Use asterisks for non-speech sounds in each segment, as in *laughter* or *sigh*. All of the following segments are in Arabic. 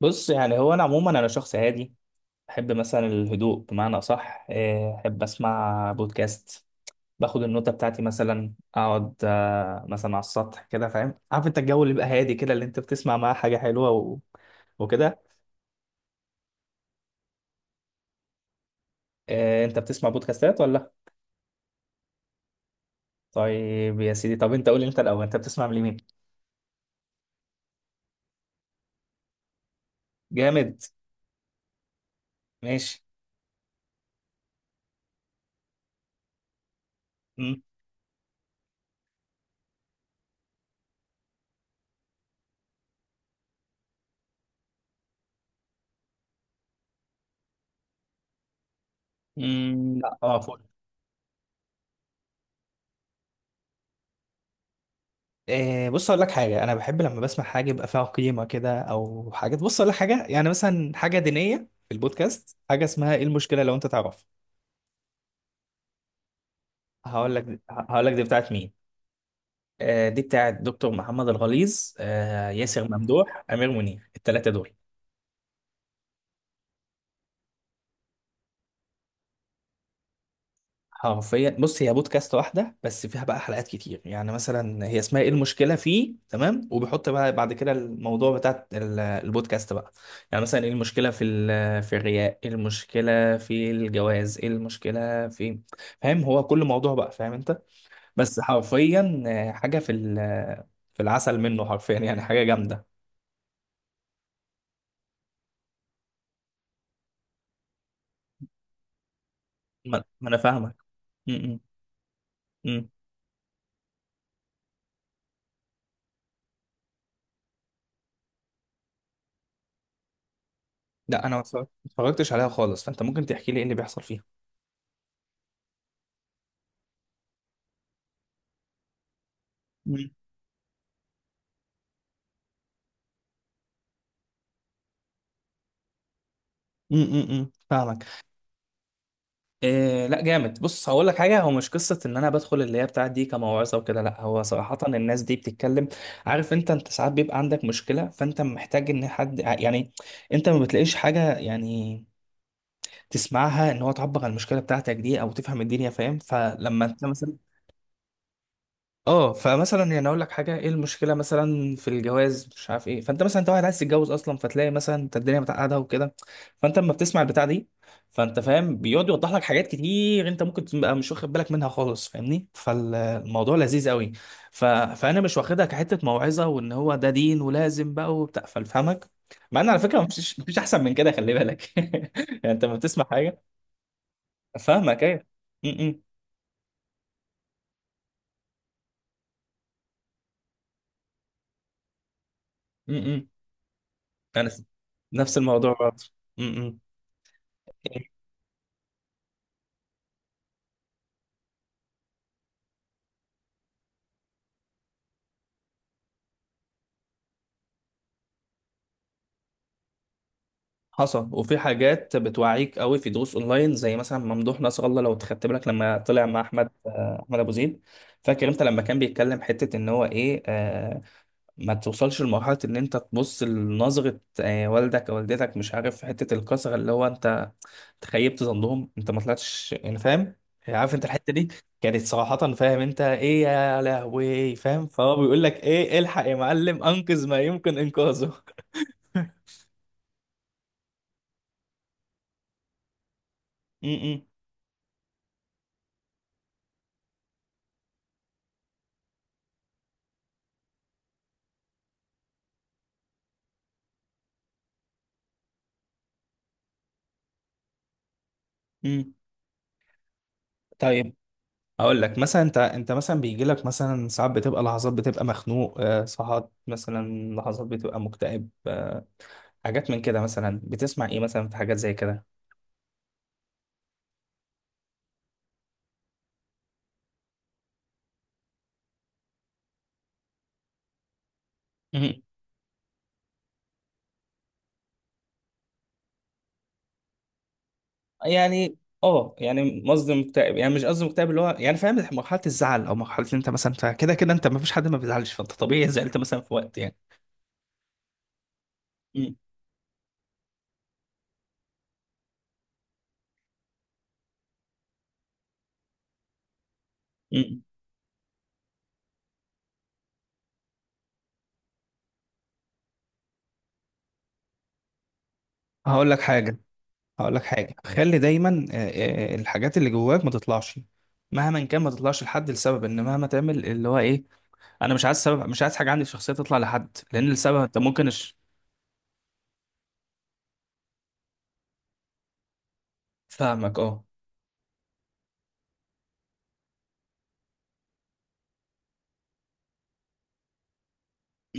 بص، يعني هو انا عموما انا شخص هادي. بحب مثلا الهدوء، بمعنى اصح. احب اسمع بودكاست. باخد النوتة بتاعتي، مثلا اقعد مثلا على السطح كده. فاهم؟ عارف انت الجو اللي بيبقى هادي كده، اللي انت بتسمع معاه حاجة حلوة وكده. انت بتسمع بودكاستات ولا لأ؟ طيب يا سيدي، طب انت قول لي انت الاول، انت بتسمع لمين؟ جامد. ماشي. امم. لا اه. إيه. بص اقول لك حاجه، انا بحب لما بسمع حاجه يبقى فيها قيمه كده او حاجات. بص اقول لك حاجه، يعني مثلا حاجه دينيه. في البودكاست حاجه اسمها ايه المشكله، لو انت تعرف. هقول لك دي بتاعت مين. دي بتاعت دكتور محمد الغليظ، ياسر ممدوح، امير منير، الثلاثه دول. حرفيا بص، هي بودكاست واحدة بس فيها بقى حلقات كتير. يعني مثلا هي اسمها ايه المشكلة فيه، تمام، وبيحط بقى بعد كده الموضوع بتاع البودكاست بقى. يعني مثلا ايه المشكلة في الرياء، ايه المشكلة في الجواز، ايه المشكلة في. فاهم، هو كل موضوع بقى، فاهم انت. بس حرفيا حاجة في العسل منه، حرفيا يعني حاجة جامدة. ما انا فاهمك. م- م- م. لا انا ما اتفرجتش عليها خالص، فانت ممكن تحكي لي ايه اللي بيحصل فيها. م- م- م- م. فاهمك. إيه لا جامد، بص هقول لك حاجه، هو مش قصه ان انا بدخل اللي هي بتاعت دي كموعظه وكده، لا هو صراحه الناس دي بتتكلم. عارف انت، انت ساعات بيبقى عندك مشكله، فانت محتاج ان حد، يعني انت ما بتلاقيش حاجه يعني تسمعها ان هو تعبر عن المشكله بتاعتك دي، او تفهم الدنيا. فاهم. فلما انت مثلا اه، فمثلا يعني اقول لك حاجه، ايه المشكله مثلا في الجواز، مش عارف ايه، فانت مثلا انت واحد عايز تتجوز اصلا، فتلاقي مثلا انت الدنيا متعقده وكده، فانت لما بتسمع البتاع دي، فانت فاهم بيقعد يوضح لك حاجات كتير انت ممكن تبقى مش واخد بالك منها خالص، فاهمني، فالموضوع لذيذ قوي. فانا مش واخدها كحته موعظه وان هو ده دين ولازم بقى وبتاع، فاهمك. مع ان على فكره، مفيش احسن من كده، خلي بالك. *laughs* يعني انت لما بتسمع حاجه. فاهمك ايوه. م- م- م- م. انا نفس الموضوع برضه. م- م. حصل، وفي حاجات بتوعيك قوي في دروس اونلاين، زي مثلا ممدوح نصر الله، لو خدت بالك لما طلع مع احمد ابو زيد. فاكر انت لما كان بيتكلم حته ان هو ايه، ما توصلش لمرحله ان انت تبص لنظره، والدك او والدتك، مش عارف حته الكسره، اللي هو انت تخيبت ظنهم، انت ما طلعتش يعني، فاهم؟ عارف انت الحته دي. كانت صراحه، فاهم انت ايه يا لهوي، فاهم، فهو بيقول لك ايه، الحق يا معلم، انقذ ما يمكن انقاذه. *laughs* م- م- م. طيب اقول لك مثلا، انت انت مثلا بيجي لك مثلا ساعات بتبقى لحظات بتبقى مخنوق، ساعات مثلا لحظات بتبقى مكتئب، حاجات من كده، مثلا بتسمع ايه مثلا في حاجات زي كده. مهم. يعني اه، يعني قصدي مكتئب يعني، مش قصدي مكتئب اللي هو يعني، فاهم، مرحلة الزعل او مرحلة اللي انت مثلا فيها. كده كده انت ما فيش حد ما بيزعلش، فانت طبيعي زعلت مثلا في وقت يعني. م- م. هقول لك حاجة هقول لك حاجة، خلي دايما الحاجات اللي جواك ما تطلعش، مهما كان ما تطلعش لحد، لسبب ان مهما تعمل اللي هو ايه، انا مش عايز سبب، مش عايز حاجه عندي في الشخصيه تطلع لحد، لان السبب انت ممكن. فاهمك اه.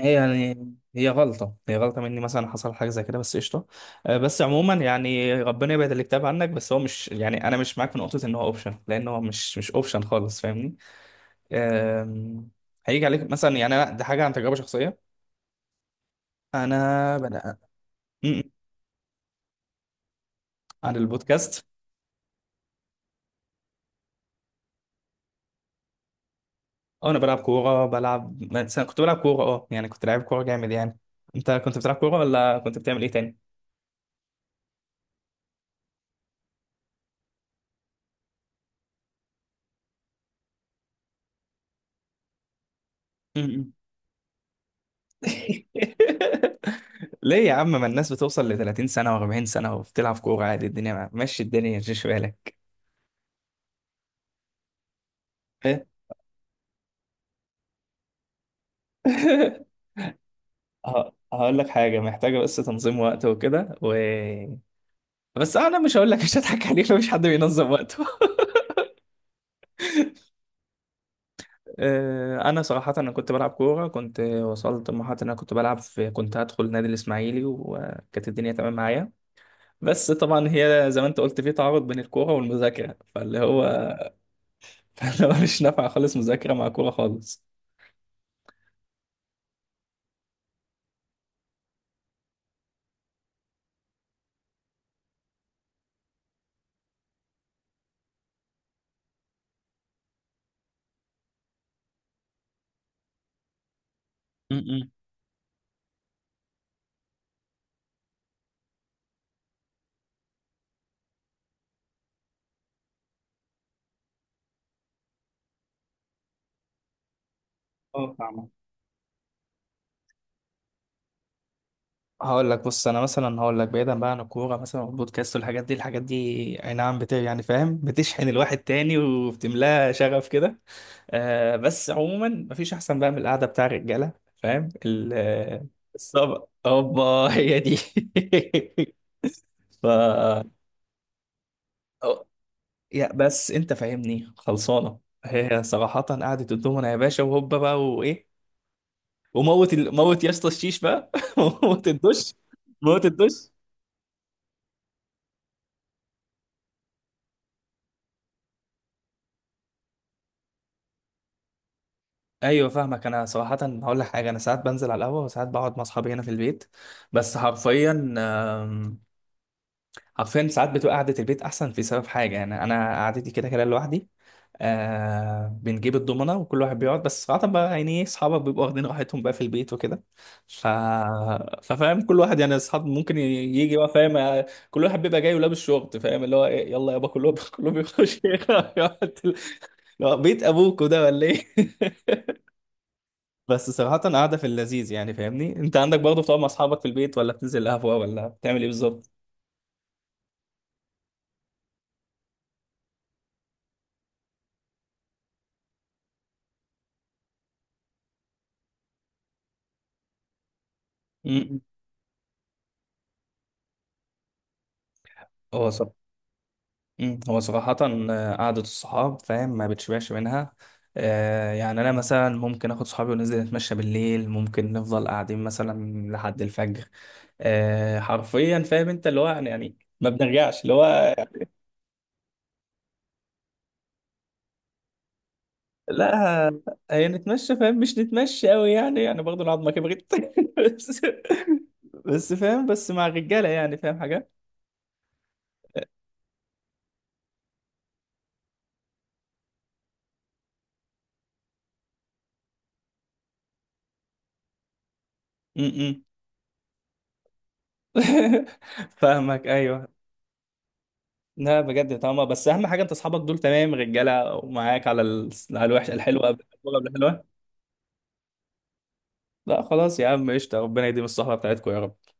هي يعني هي غلطه مني، مثلا حصل حاجه زي كده بس قشطه. بس عموما يعني ربنا يبعد الاكتئاب عنك، بس هو مش يعني انا مش معاك في نقطه ان هو اوبشن، لان هو مش اوبشن خالص، فاهمني. آم، هيجي عليك مثلا، يعني انا دي حاجه عن تجربه شخصيه. انا بنا... م- م. عن البودكاست. اه انا بلعب كوره، بلعب مثلا، كنت بلعب كوره، اه يعني كنت لعيب كوره جامد يعني. انت كنت بتلعب كوره ولا كنت بتعمل ايه تاني؟ *laughs* ليه يا عم، ما الناس بتوصل ل 30 سنة و40 سنة وبتلعب كورة عادي، الدنيا مشي الدنيا مش بالك. إيه؟ *laughs* هقول لك حاجة، محتاجة بس تنظيم وقت وكده بس أنا مش هقول لك، مش هضحك عليك، مفيش حد بينظم وقته. *laughs* أنا صراحة، أنا كنت بلعب كورة، كنت وصلت لمرحلة إن أنا كنت بلعب في، كنت هدخل نادي الإسماعيلي، وكانت الدنيا تمام معايا. بس طبعا هي زي ما أنت قلت، في تعارض بين الكورة والمذاكرة، فاللي هو *laughs* فاللي هو مش نافع خالص، مذاكرة مع كورة خالص. م-م. اه فاهمة. هقول لك بص، انا مثلا هقول لك بعيدا بقى عن الكوره مثلا والبودكاست والحاجات دي، الحاجات دي اي نعم، بت يعني فاهم بتشحن الواحد تاني وبتملاه شغف كده. آه بس عموما، مفيش احسن بقى من القعده بتاع الرجاله، فاهم *laughs* الصبر اوبا هي دي. *laughs* ف أو- يا بس انت فاهمني خلصانه. هي صراحه قعده الدومنه يا باشا، وهوبا بقى، وايه، موت يا اسطى الشيش بقى. *laughs* موت الدش. موت الدش. ايوه فاهمك. انا صراحه هقول لك حاجه، انا ساعات بنزل على القهوه، وساعات بقعد مع اصحابي هنا في البيت. بس حرفيا آم، حرفيا ساعات بتبقى قعده البيت احسن، في سبب حاجه، يعني انا قعدتي كده كده لوحدي. آه بنجيب الضمنه وكل واحد بيقعد، بس صراحه بقى يعني ايه، اصحابك بيبقوا واخدين راحتهم بقى في البيت وكده. ف ففاهم كل واحد يعني، اصحاب ممكن يجي بقى فاهم، كل واحد بيبقى جاي ولابس شورت، فاهم اللي هو إيه، يلا يابا كلهم *laughs* كلهم يخش *laughs* يقعد. اللي هو بيت ابوكوا ده ولا ايه. بس صراحة قاعدة في اللذيذ يعني، فاهمني، انت عندك برضه بتقعد مع اصحابك في البيت، ولا بتنزل قهوة، ولا بتعمل ايه بالظبط؟ مم. هو صراحة، هو صراحة قعدة الصحاب، فاهم، ما بتشبعش منها. آه يعني انا مثلا ممكن اخد صحابي وننزل نتمشى بالليل، ممكن نفضل قاعدين مثلا لحد الفجر. آه حرفيا فاهم انت اللي هو يعني يعني ما بنرجعش اللي هو. لا هي نتمشى، فاهم مش نتمشى قوي يعني، يعني برضه العظمة كبرت *laughs* بس بس فاهم، بس مع الرجالة يعني فاهم حاجة. م-م. *laughs* فاهمك ايوه. لا بجد طبعا، بس اهم حاجه انت اصحابك دول تمام، رجاله ومعاك على على الوحش، الحلوه قبل الحلوه قبل الحلوه. لا خلاص يا عم قشطه، ربنا يديم الصحبه بتاعتكم يا رب.